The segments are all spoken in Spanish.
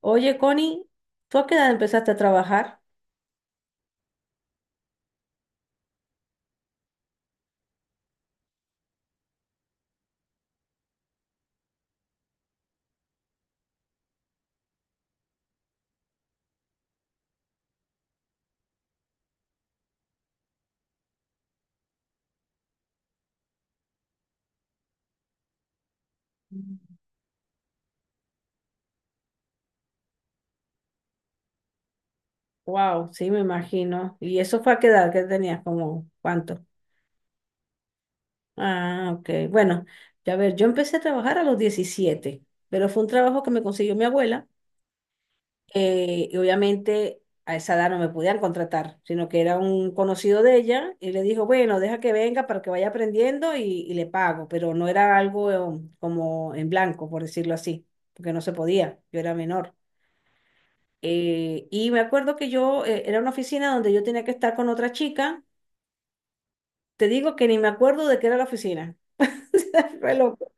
Oye, Connie, ¿tú a qué edad empezaste a trabajar? Wow, sí, me imagino. ¿Y eso fue a qué edad? ¿Qué tenías? ¿Como cuánto? Ah, ok. Bueno, ya ver, yo empecé a trabajar a los 17, pero fue un trabajo que me consiguió mi abuela. Y obviamente a esa edad no me podían contratar, sino que era un conocido de ella y le dijo, bueno, deja que venga para que vaya aprendiendo y le pago, pero no era algo como en blanco, por decirlo así, porque no se podía, yo era menor. Y me acuerdo que yo, era una oficina donde yo tenía que estar con otra chica. Te digo que ni me acuerdo de qué era la oficina. Fue loco.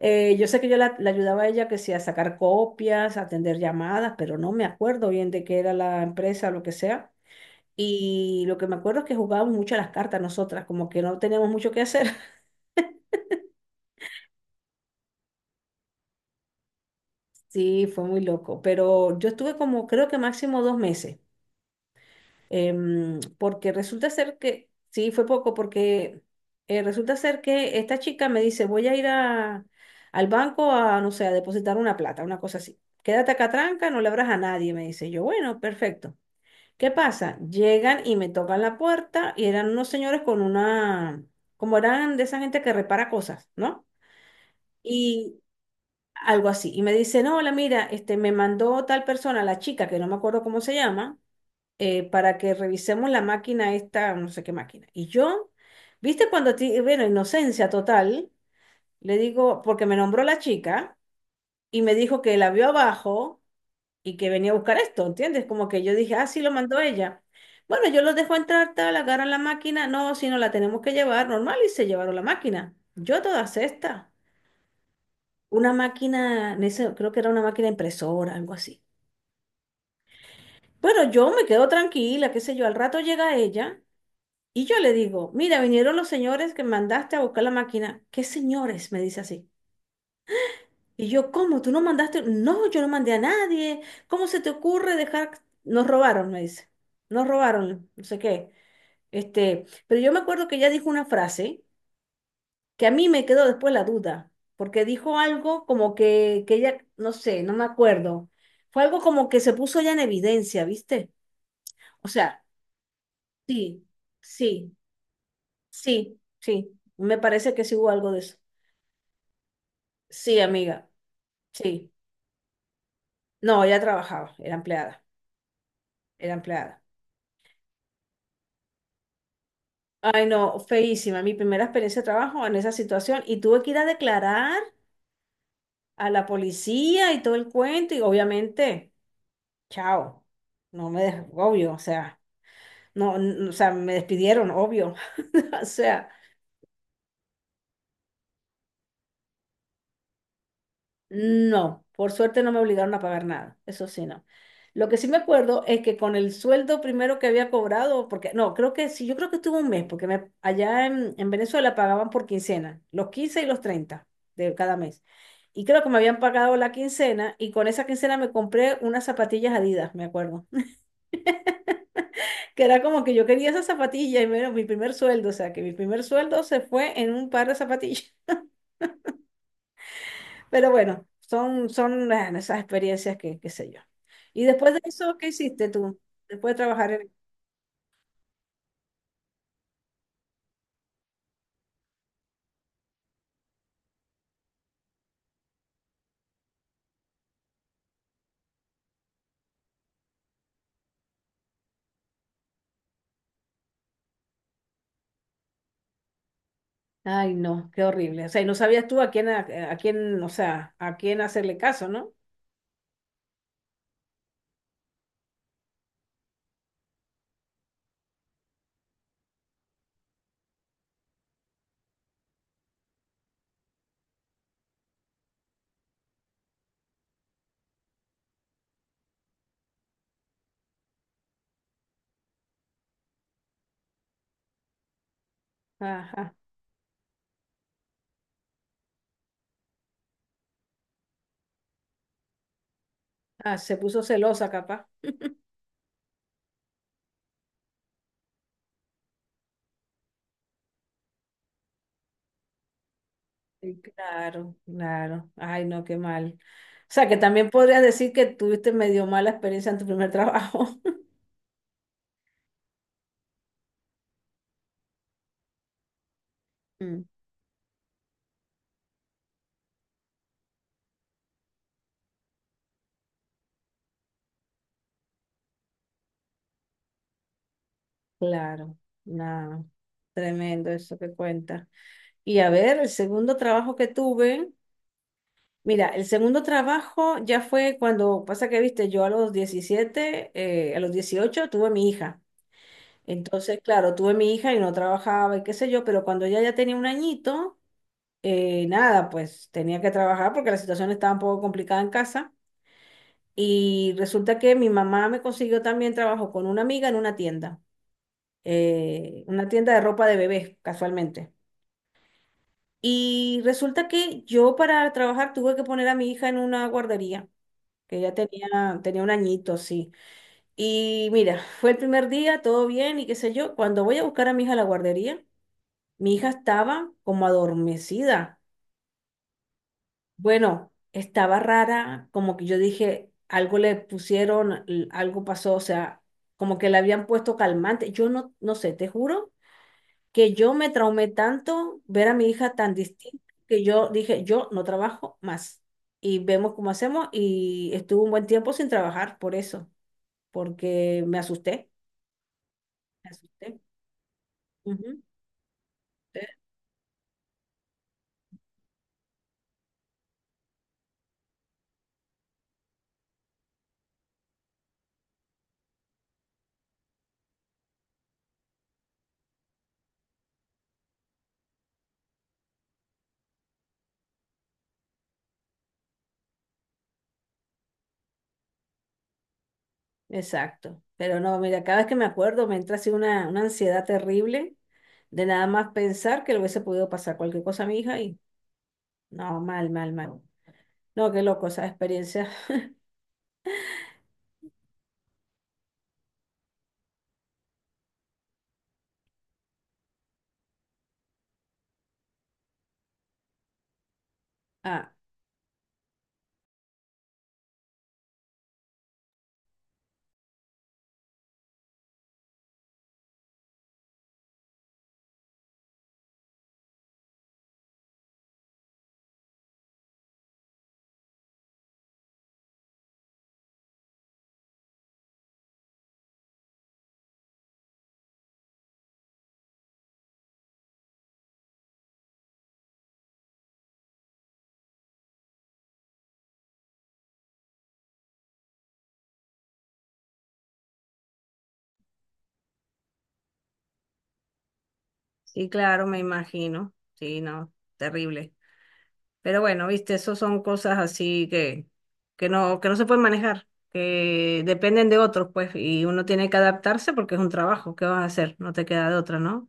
Yo sé que yo la ayudaba a ella, que sea a sacar copias, a atender llamadas, pero no me acuerdo bien de qué era la empresa, lo que sea. Y lo que me acuerdo es que jugábamos mucho a las cartas nosotras, como que no teníamos mucho que hacer. Sí, fue muy loco, pero yo estuve como creo que máximo 2 meses. Porque resulta ser que, sí, fue poco, porque resulta ser que esta chica me dice, voy a ir al banco a, no sé, a depositar una plata, una cosa así. Quédate acá tranca, no le abras a nadie, me dice. Yo, bueno, perfecto. ¿Qué pasa? Llegan y me tocan la puerta y eran unos señores con una, como eran de esa gente que repara cosas, ¿no? Y algo así. Y me dice, no, hola, mira, este, me mandó tal persona, la chica, que no me acuerdo cómo se llama, para que revisemos la máquina esta, no sé qué máquina. Y yo, viste cuando, bueno, inocencia total, le digo, porque me nombró la chica y me dijo que la vio abajo y que venía a buscar esto, ¿entiendes? Como que yo dije, ah, sí, lo mandó ella. Bueno, yo los dejo entrar, tal, agarran la máquina, no, si no la tenemos que llevar, normal, y se llevaron la máquina. Yo a todas estas, una máquina, creo que era una máquina impresora, algo así. Bueno, yo me quedo tranquila, qué sé yo, al rato llega ella. Y yo le digo, mira, vinieron los señores que mandaste a buscar la máquina. ¿Qué señores? Me dice así. Y yo, ¿cómo? ¿Tú no mandaste? No, yo no mandé a nadie. ¿Cómo se te ocurre dejar? Nos robaron, me dice. Nos robaron, no sé qué. Este, pero yo me acuerdo que ella dijo una frase que a mí me quedó después la duda, porque dijo algo como que ella, no sé, no me acuerdo. Fue algo como que se puso ella en evidencia, ¿viste? O sea, sí, sí, sí, sí. Me parece que sí hubo algo de eso. Sí, amiga, sí. No, ella trabajaba, era empleada, era empleada. Ay, no, feísima, mi primera experiencia de trabajo en esa situación, y tuve que ir a declarar a la policía y todo el cuento y, obviamente, chao, no me, dej- obvio, o sea, no, n- o sea, me despidieron, obvio. O sea, no, por suerte no me obligaron a pagar nada, eso sí, no. Lo que sí me acuerdo es que con el sueldo primero que había cobrado, porque no, creo que sí, yo creo que estuvo un mes, porque me, allá en Venezuela pagaban por quincena, los 15 y los 30 de cada mes. Y creo que me habían pagado la quincena, y con esa quincena me compré unas zapatillas Adidas, me acuerdo. Que era como que yo quería esas zapatillas y me era mi primer sueldo, o sea, que mi primer sueldo se fue en un par de zapatillas. Pero bueno, son, son esas experiencias que, qué sé yo. Y después de eso, ¿qué hiciste tú? Después de trabajar en... Ay, no, qué horrible. O sea, y no sabías tú a quién, o sea, a quién hacerle caso, ¿no? Ajá. Ah, se puso celosa, capaz. Sí, claro, claro. Ay, no, qué mal. O sea, que también podrías decir que tuviste medio mala experiencia en tu primer trabajo. Mm. Claro, nada, tremendo eso que cuenta. Y a ver, el segundo trabajo que tuve, mira, el segundo trabajo ya fue cuando, pasa que, viste, yo a los 17, a los 18 tuve mi hija. Entonces, claro, tuve mi hija y no trabajaba y qué sé yo, pero cuando ella ya tenía un añito, nada, pues tenía que trabajar porque la situación estaba un poco complicada en casa. Y resulta que mi mamá me consiguió también trabajo con una amiga en una tienda de ropa de bebés, casualmente. Y resulta que yo, para trabajar, tuve que poner a mi hija en una guardería. Que ya tenía, tenía un añito, sí. Y mira, fue el primer día, todo bien y qué sé yo. Cuando voy a buscar a mi hija a la guardería, mi hija estaba como adormecida. Bueno, estaba rara, como que yo dije, algo le pusieron, algo pasó, o sea, como que le habían puesto calmante. Yo no, no sé, te juro que yo me traumé tanto ver a mi hija tan distinta, que yo dije, yo no trabajo más. Y vemos cómo hacemos, y estuve un buen tiempo sin trabajar por eso. Porque me asusté, me asusté. Ujú. Eh, Exacto. Pero no, mira, cada vez que me acuerdo me entra así una ansiedad terrible de nada más pensar que le hubiese podido pasar cualquier cosa a mi hija y no, mal, mal, mal. No, qué loco esa experiencia. Ah, sí, claro, me imagino. Sí, no, terrible. Pero bueno, viste, eso son cosas así que, que no se pueden manejar, que dependen de otros, pues, y uno tiene que adaptarse porque es un trabajo. ¿Qué vas a hacer? No te queda de otra, ¿no?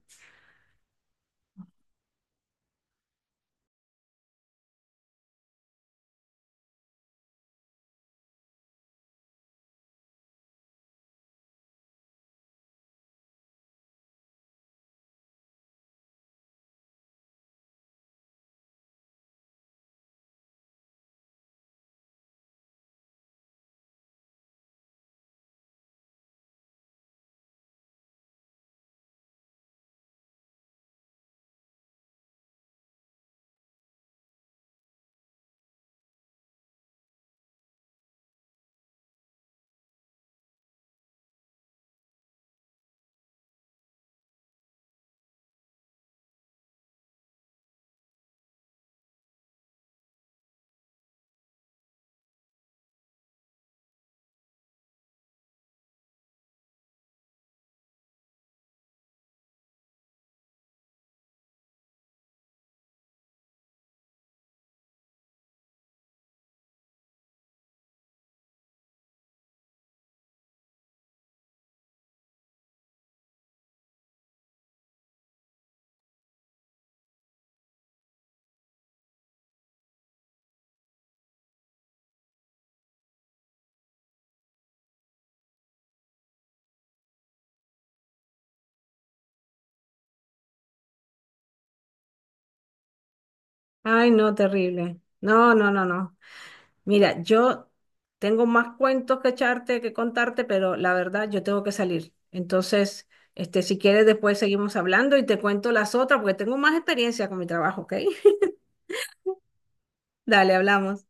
Ay, no, terrible. No, no, no, no. Mira, yo tengo más cuentos que echarte, que contarte, pero la verdad yo tengo que salir. Entonces, este, si quieres después seguimos hablando y te cuento las otras porque tengo más experiencia con mi trabajo, ¿ok? Dale, hablamos.